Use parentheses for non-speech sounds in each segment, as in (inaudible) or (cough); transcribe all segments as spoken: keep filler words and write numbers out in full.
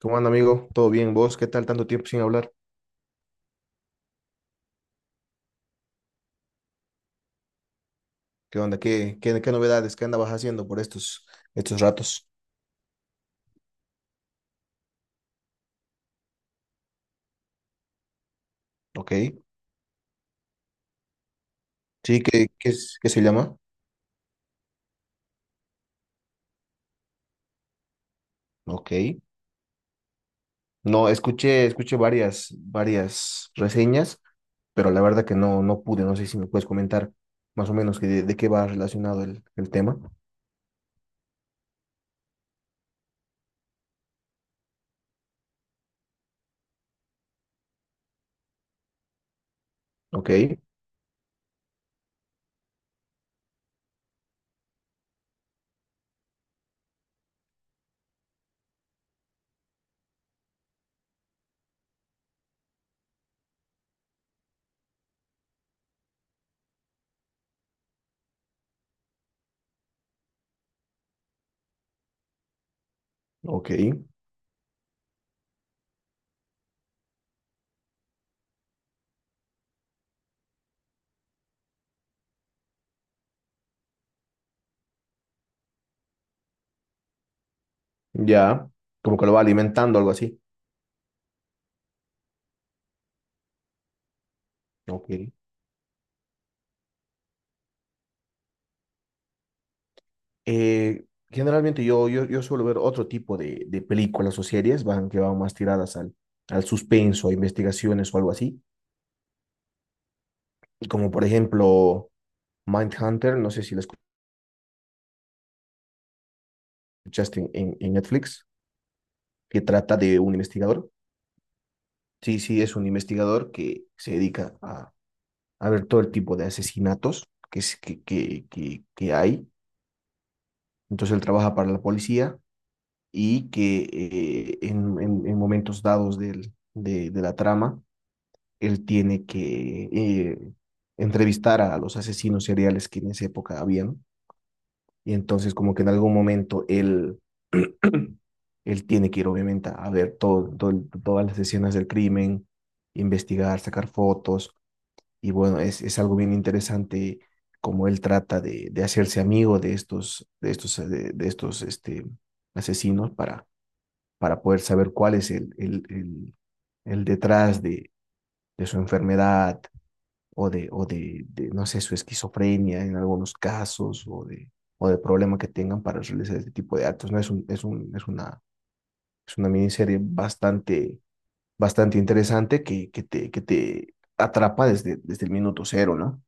¿Cómo anda, amigo? ¿Todo bien? ¿Vos? ¿Qué tal tanto tiempo sin hablar? ¿Qué onda? ¿Qué, qué, qué novedades? ¿Qué andabas haciendo por estos, estos ratos? Ok. Sí, ¿qué, qué, es- qué se llama? Ok. No, escuché, escuché varias, varias reseñas, pero la verdad que no, no pude. No sé si me puedes comentar más o menos que de, de qué va relacionado el, el tema. Ok, ok. Ya, como que lo va alimentando, algo así. Ok. Eh, generalmente yo, yo, yo suelo ver otro tipo de, de películas o series van, que van más tiradas al, al suspenso, a investigaciones o algo así, como por ejemplo Mindhunter, no sé si la escuchaste en, en, en Netflix, que trata de un investigador. Sí, sí, es un investigador que se dedica a, a ver todo el tipo de asesinatos que, es- que, que, que, que hay. Entonces él trabaja para la policía y que eh, en, en, en momentos dados del, de, de la trama él tiene que eh, entrevistar a los asesinos seriales que en esa época habían. Y entonces como que en algún momento él, (clears throat) él tiene que ir obviamente a ver todo, todo- todas las escenas del crimen, investigar, sacar fotos. Y bueno, es, es algo bien interesante como él trata de, de hacerse amigo de estos, de estos, eh, de, de estos este, asesinos para, para poder saber cuál es el, el, el, el detrás de, de su enfermedad, o de, o de, de, no sé, su esquizofrenia en algunos casos, o de, o de problema que tengan para realizar este tipo de actos, ¿no? Es un, es un, es una, es una miniserie bastante, bastante interesante que, que te, que te atrapa desde, desde el minuto cero, ¿no?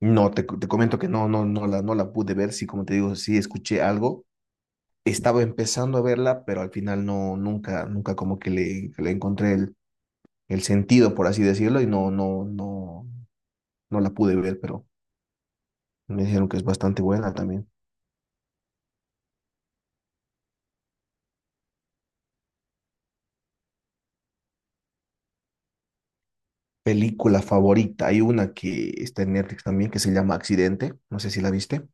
No, te, te comento que no, no, no la, no la pude ver, sí, como te digo, sí escuché algo, estaba empezando a verla, pero al final no, nunca, nunca como que le, le encontré el, el sentido, por así decirlo, y no, no, no, no la pude ver, pero me dijeron que es bastante buena también. Película favorita. Hay una que está en Netflix también que se llama Accidente. No sé si la viste.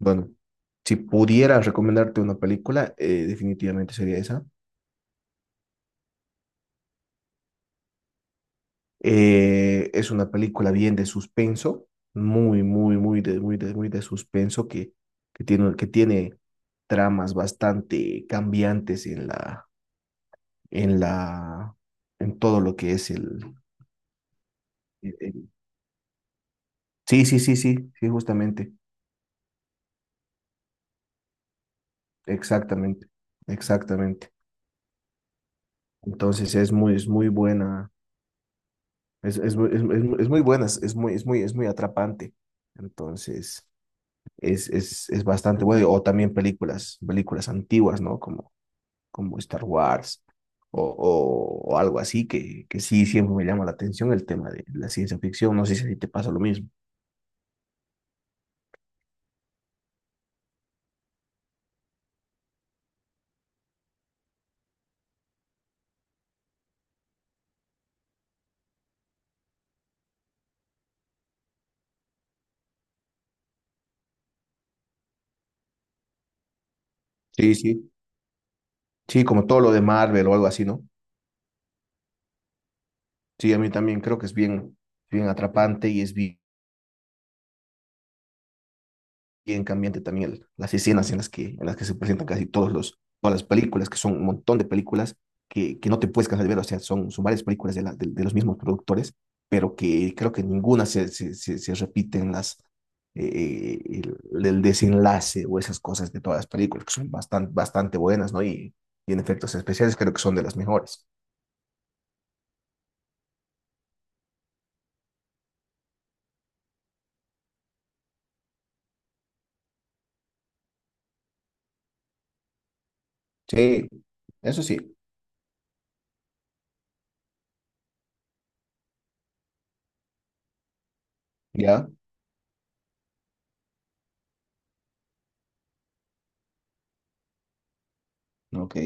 Bueno, si pudiera recomendarte una película, eh, definitivamente sería esa. Eh, es una película bien de suspenso, muy, muy, muy de, muy de, muy de suspenso que, que tiene, que tiene tramas bastante cambiantes en la, en la, en todo lo que es el, el- el- Sí, sí, sí, sí, sí, justamente. Exactamente, exactamente. Entonces es muy, es muy buena, es, es, muy- es, es muy es muy buena, es es muy, es muy, es muy atrapante. Entonces es, es, es bastante bueno. O también películas, películas antiguas, ¿no? Como, como Star Wars o, o, o algo así, que, que sí siempre me llama la atención el tema de la ciencia ficción. No sé si a ti te pasa lo mismo. Sí, sí. Sí, como todo lo de Marvel o algo así, ¿no? Sí, a mí también creo que es bien, bien atrapante y es bien bien cambiante también el- las escenas en las que, en las que se presentan casi todos los, todas las películas, que son un montón de películas que, que no te puedes cansar de ver, o sea, son, son varias películas de, la- de- de los mismos productores, pero que creo que ninguna se, se, se, se repite en las, eh, eh, el, el desenlace o esas cosas de todas las películas, que son bastante, bastante buenas, ¿no? Y, y en efectos especiales creo que son de las mejores. Sí, eso sí, ya. Ok,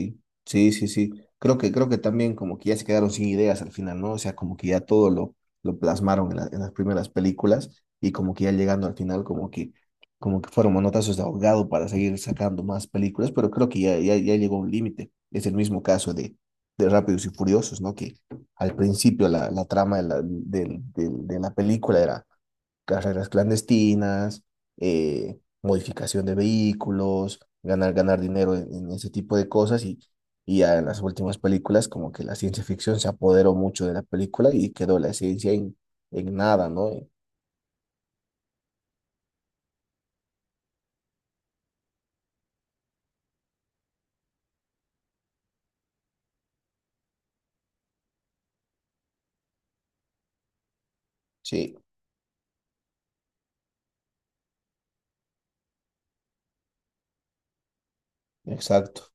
sí, sí, sí. Creo que, creo que también como que ya se quedaron sin ideas al final, ¿no? O sea, como que ya todo lo, lo plasmaron en, la- en las primeras películas y como que ya llegando al final como que, como que fueron manotazos de ahogado para seguir sacando más películas, pero creo que ya, ya, ya llegó un límite. Es el mismo caso de, de Rápidos y Furiosos, ¿no? Que al principio la, la trama de la, del- del- de la película era carreras clandestinas, eh, modificación de vehículos, ganar, ganar dinero en, en ese tipo de cosas y, y ya en las últimas películas como que la ciencia ficción se apoderó mucho de la película y quedó la ciencia en, en nada, ¿no? Eh, Sí, exacto.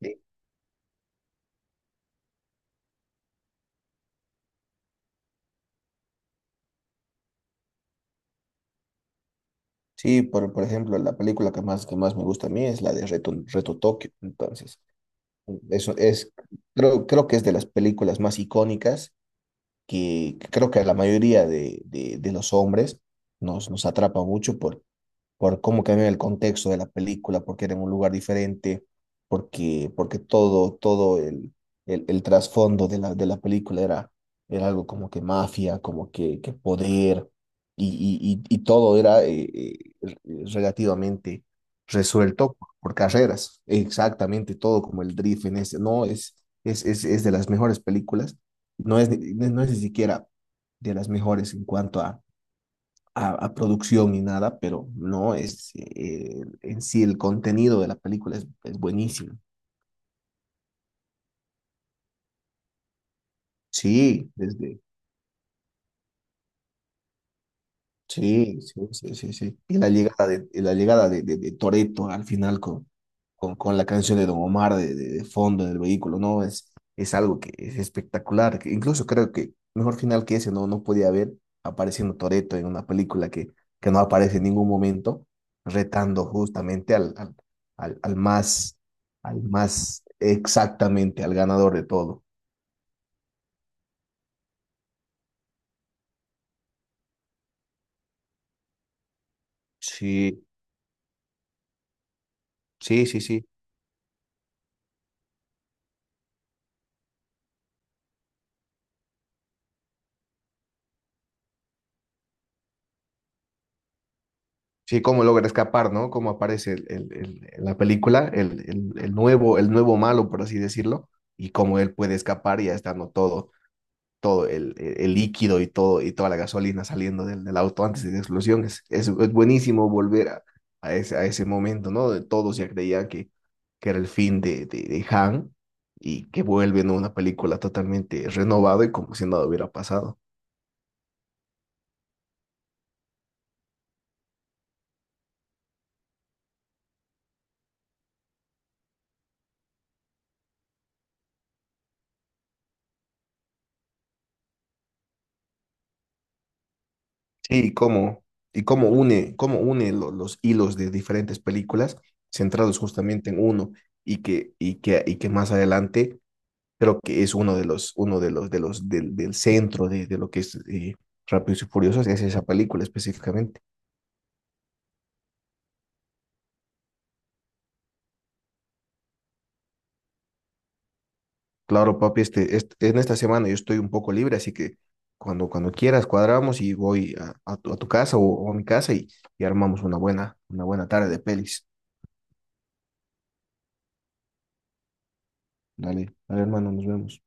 Sí, sí, por, por ejemplo, la película que más, que más me gusta a mí es la de Reto, Reto Tokio. Entonces, eso es, creo, creo que es de las películas más icónicas que, que creo que a la mayoría de, de- de los hombres nos, nos atrapa mucho por, por cómo cambian el contexto de la película, porque era en un lugar diferente, porque, porque todo, todo el, el, el trasfondo de la, de la película era, era algo como que mafia, como que, que poder, y, y, y, y todo era eh, eh, relativamente resuelto por carreras, exactamente todo como el drift en este, no, es, es, es, es de las mejores películas, no es, ni- no es ni siquiera de las mejores en cuanto a a, a producción ni nada, pero no, es, eh, en sí el contenido de la película es, es buenísimo. Sí, desde sí, sí, sí, sí, sí. Y la llegada de, y la llegada de, de, de Toretto al final con, con, con la canción de Don Omar de, de, de fondo en el vehículo, ¿no? Es, es algo que es espectacular. Que incluso creo que mejor final que ese no, no podía haber apareciendo Toretto en una película que, que no aparece en ningún momento, retando justamente al, al, al, al más, al más exactamente, al ganador de todo. Sí, sí, sí, sí. Sí, cómo logra escapar, ¿no? Cómo aparece el- el- el- en la película, el, el- el nuevo, el nuevo malo, por así decirlo, y cómo él puede escapar ya estando todo, todo el, el- líquido y todo, y toda la gasolina saliendo del, del auto antes de la explosión. Es, es, es buenísimo volver a, a ese, a ese momento, ¿no? De todos ya creían que, que era el fin de, de, de Han y que vuelve en una película totalmente renovada y como si nada hubiera pasado. Sí, y cómo, y cómo une, cómo une lo- los hilos de diferentes películas centrados justamente en uno y que, y que, y que más adelante creo que es uno de los, uno de los, de los, del, del centro de, de lo que es eh, Rápidos y Furiosos, es esa película específicamente. Claro, papi, este, este- en esta semana yo estoy un poco libre, así que cuando, cuando quieras cuadramos y voy a, a tu, a tu casa o, o a mi casa y, y armamos una buena, una buena tarde de pelis. Dale, dale, hermano, nos vemos.